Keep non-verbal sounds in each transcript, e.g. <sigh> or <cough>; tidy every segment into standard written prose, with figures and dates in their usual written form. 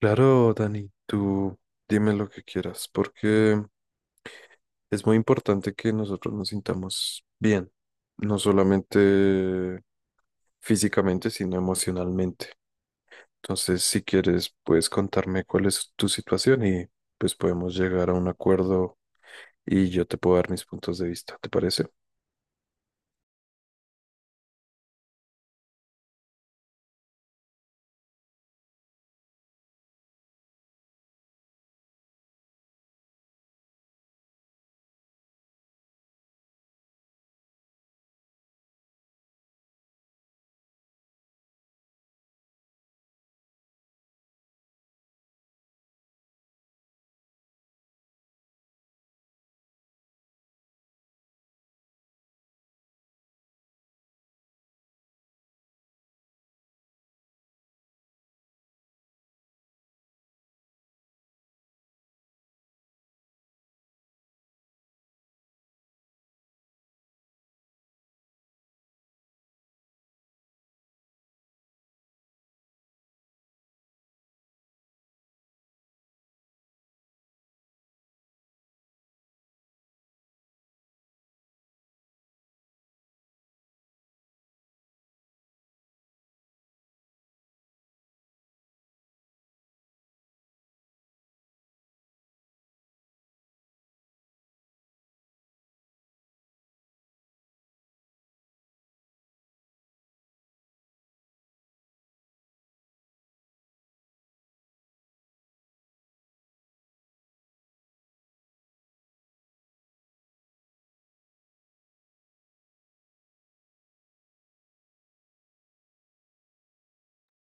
Claro, Dani, tú dime lo que quieras, porque es muy importante que nosotros nos sintamos bien, no solamente físicamente, sino emocionalmente. Entonces, si quieres, puedes contarme cuál es tu situación y pues podemos llegar a un acuerdo y yo te puedo dar mis puntos de vista, ¿te parece?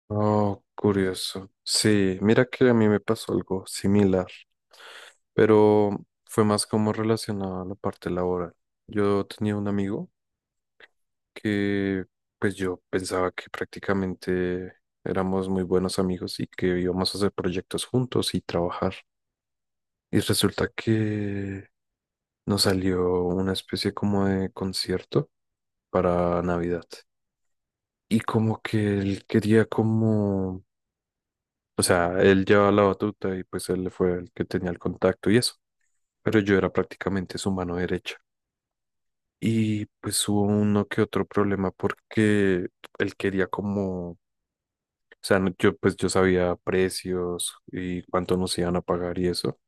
Oh, curioso. Sí, mira que a mí me pasó algo similar, pero fue más como relacionado a la parte laboral. Yo tenía un amigo que pues yo pensaba que prácticamente éramos muy buenos amigos y que íbamos a hacer proyectos juntos y trabajar. Y resulta que nos salió una especie como de concierto para Navidad. Y como que él quería como, o sea, él llevaba la batuta y pues él fue el que tenía el contacto y eso. Pero yo era prácticamente su mano derecha. Y pues hubo uno que otro problema porque él quería como, o sea, yo pues yo sabía precios y cuánto nos iban a pagar y eso.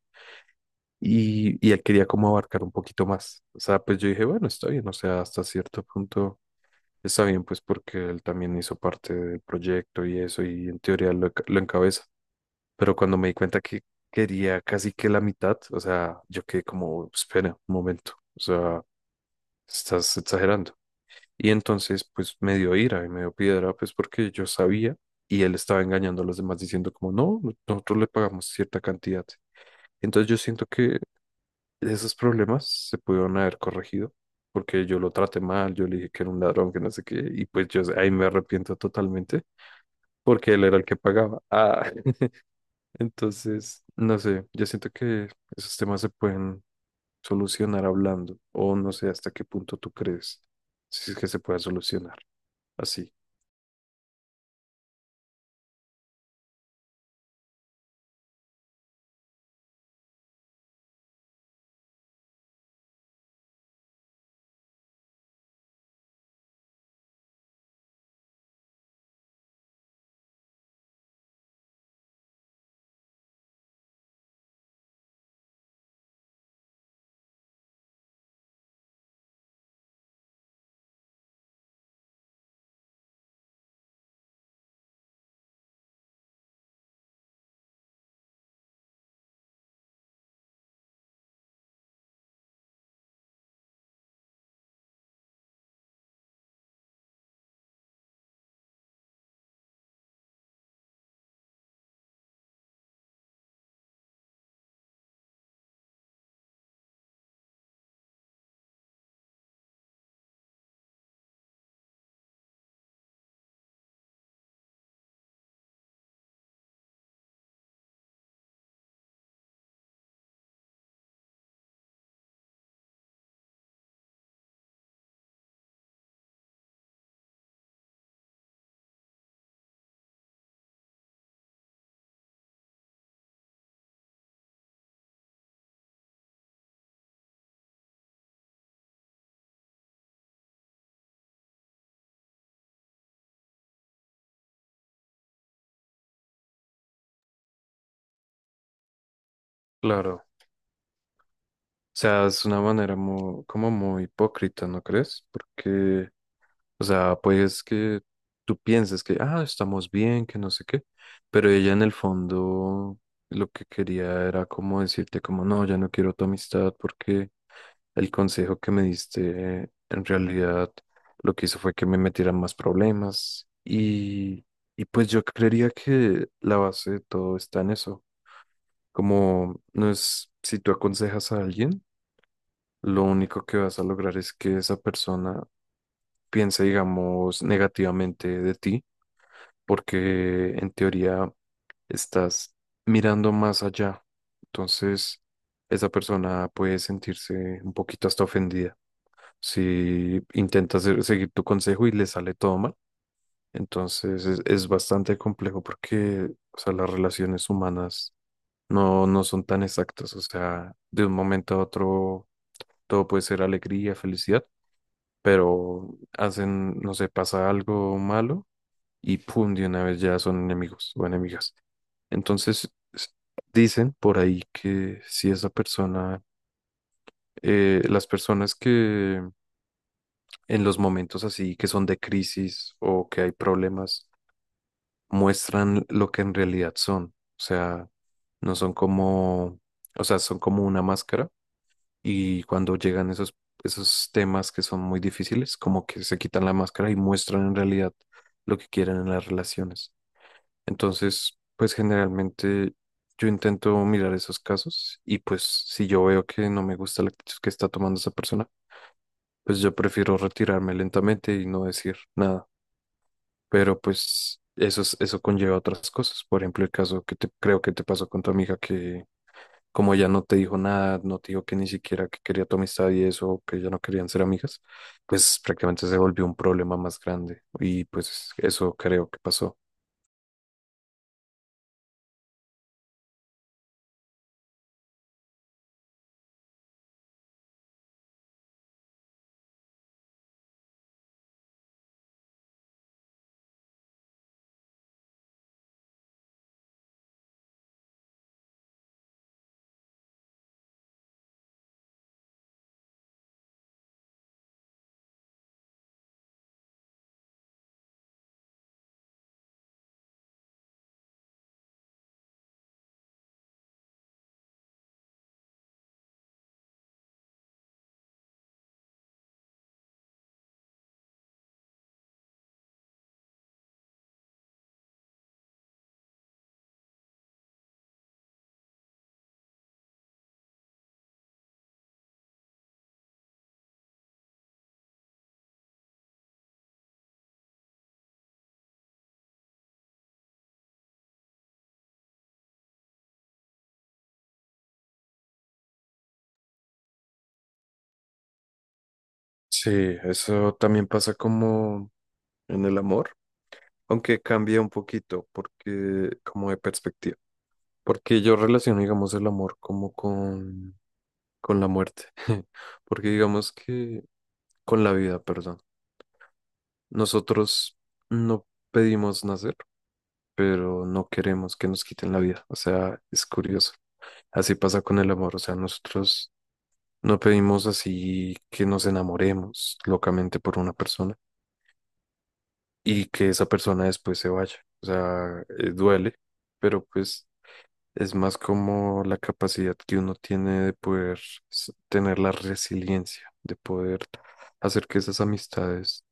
Y él quería como abarcar un poquito más. O sea, pues yo dije, bueno, está bien, o sea, hasta cierto punto está bien, pues porque él también hizo parte del proyecto y eso, y en teoría lo, lo encabeza. Pero cuando me di cuenta que quería casi que la mitad, o sea, yo quedé como, espera, un momento, o sea, estás exagerando. Y entonces, pues me dio ira y me dio piedra, pues porque yo sabía y él estaba engañando a los demás diciendo como, no, nosotros le pagamos cierta cantidad. Entonces yo siento que esos problemas se pudieron haber corregido porque yo lo traté mal, yo le dije que era un ladrón, que no sé qué, y pues yo ahí me arrepiento totalmente porque él era el que pagaba. Ah, <laughs> entonces, no sé, yo siento que esos temas se pueden solucionar hablando o no sé hasta qué punto tú crees si es que se puede solucionar así. Claro. O sea, es una manera muy, como muy hipócrita, ¿no crees? Porque, o sea, pues que tú piensas que, ah, estamos bien, que no sé qué, pero ella en el fondo lo que quería era como decirte como, no, ya no quiero tu amistad porque el consejo que me diste en realidad lo que hizo fue que me metieran más problemas y pues yo creería que la base de todo está en eso, como no es si tú aconsejas a alguien lo único que vas a lograr es que esa persona piense, digamos, negativamente de ti, porque en teoría estás mirando más allá. Entonces, esa persona puede sentirse un poquito hasta ofendida. Si intentas seguir tu consejo y le sale todo mal, entonces es bastante complejo porque, o sea, las relaciones humanas no son tan exactas. O sea, de un momento a otro todo puede ser alegría, felicidad, pero hacen, no sé, pasa algo malo y pum, de una vez ya son enemigos o enemigas. Entonces, dicen por ahí que si esa persona, las personas que en los momentos así que son de crisis o que hay problemas, muestran lo que en realidad son, o sea, no son como, o sea, son como una máscara y cuando llegan esos, esos temas que son muy difíciles, como que se quitan la máscara y muestran en realidad lo que quieren en las relaciones. Entonces, pues generalmente yo intento mirar esos casos y pues si yo veo que no me gusta la actitud que está tomando esa persona, pues yo prefiero retirarme lentamente y no decir nada. Pero pues eso, eso conlleva otras cosas. Por ejemplo, el caso que te, creo que te pasó con tu amiga que como ella no te dijo nada, no te dijo que ni siquiera que quería tu amistad y eso, que ya no querían ser amigas, pues prácticamente se volvió un problema más grande y pues eso creo que pasó. Sí, eso también pasa como en el amor, aunque cambia un poquito porque como de perspectiva, porque yo relaciono, digamos, el amor como con la muerte, <laughs> porque digamos que con la vida, perdón. Nosotros no pedimos nacer pero no queremos que nos quiten la vida. O sea, es curioso. Así pasa con el amor. O sea, nosotros no pedimos así que nos enamoremos locamente por una persona y que esa persona después se vaya. O sea, duele, pero pues es más como la capacidad que uno tiene de poder tener la resiliencia, de poder hacer que esas amistades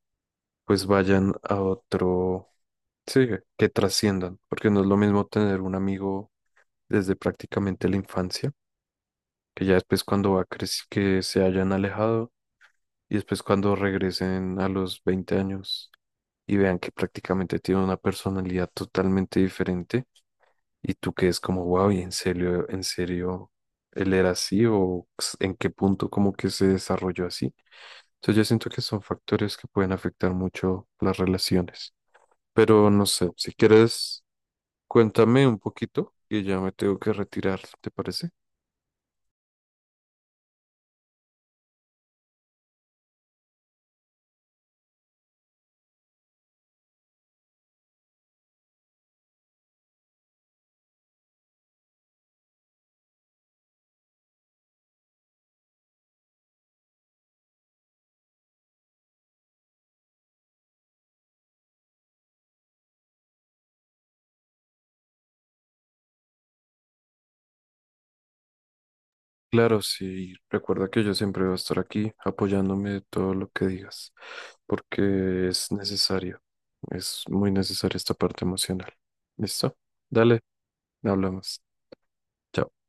pues vayan a otro, sí, que trasciendan, porque no es lo mismo tener un amigo desde prácticamente la infancia, que ya después cuando que se hayan alejado y después cuando regresen a los 20 años y vean que prácticamente tiene una personalidad totalmente diferente y tú que es como, wow, y en serio, él era así o en qué punto como que se desarrolló así. Entonces yo siento que son factores que pueden afectar mucho las relaciones. Pero no sé, si quieres, cuéntame un poquito y ya me tengo que retirar, ¿te parece? Claro, sí, recuerda que yo siempre voy a estar aquí apoyándome de todo lo que digas, porque es necesario, es muy necesaria esta parte emocional. ¿Listo? Dale, hablamos. Chao.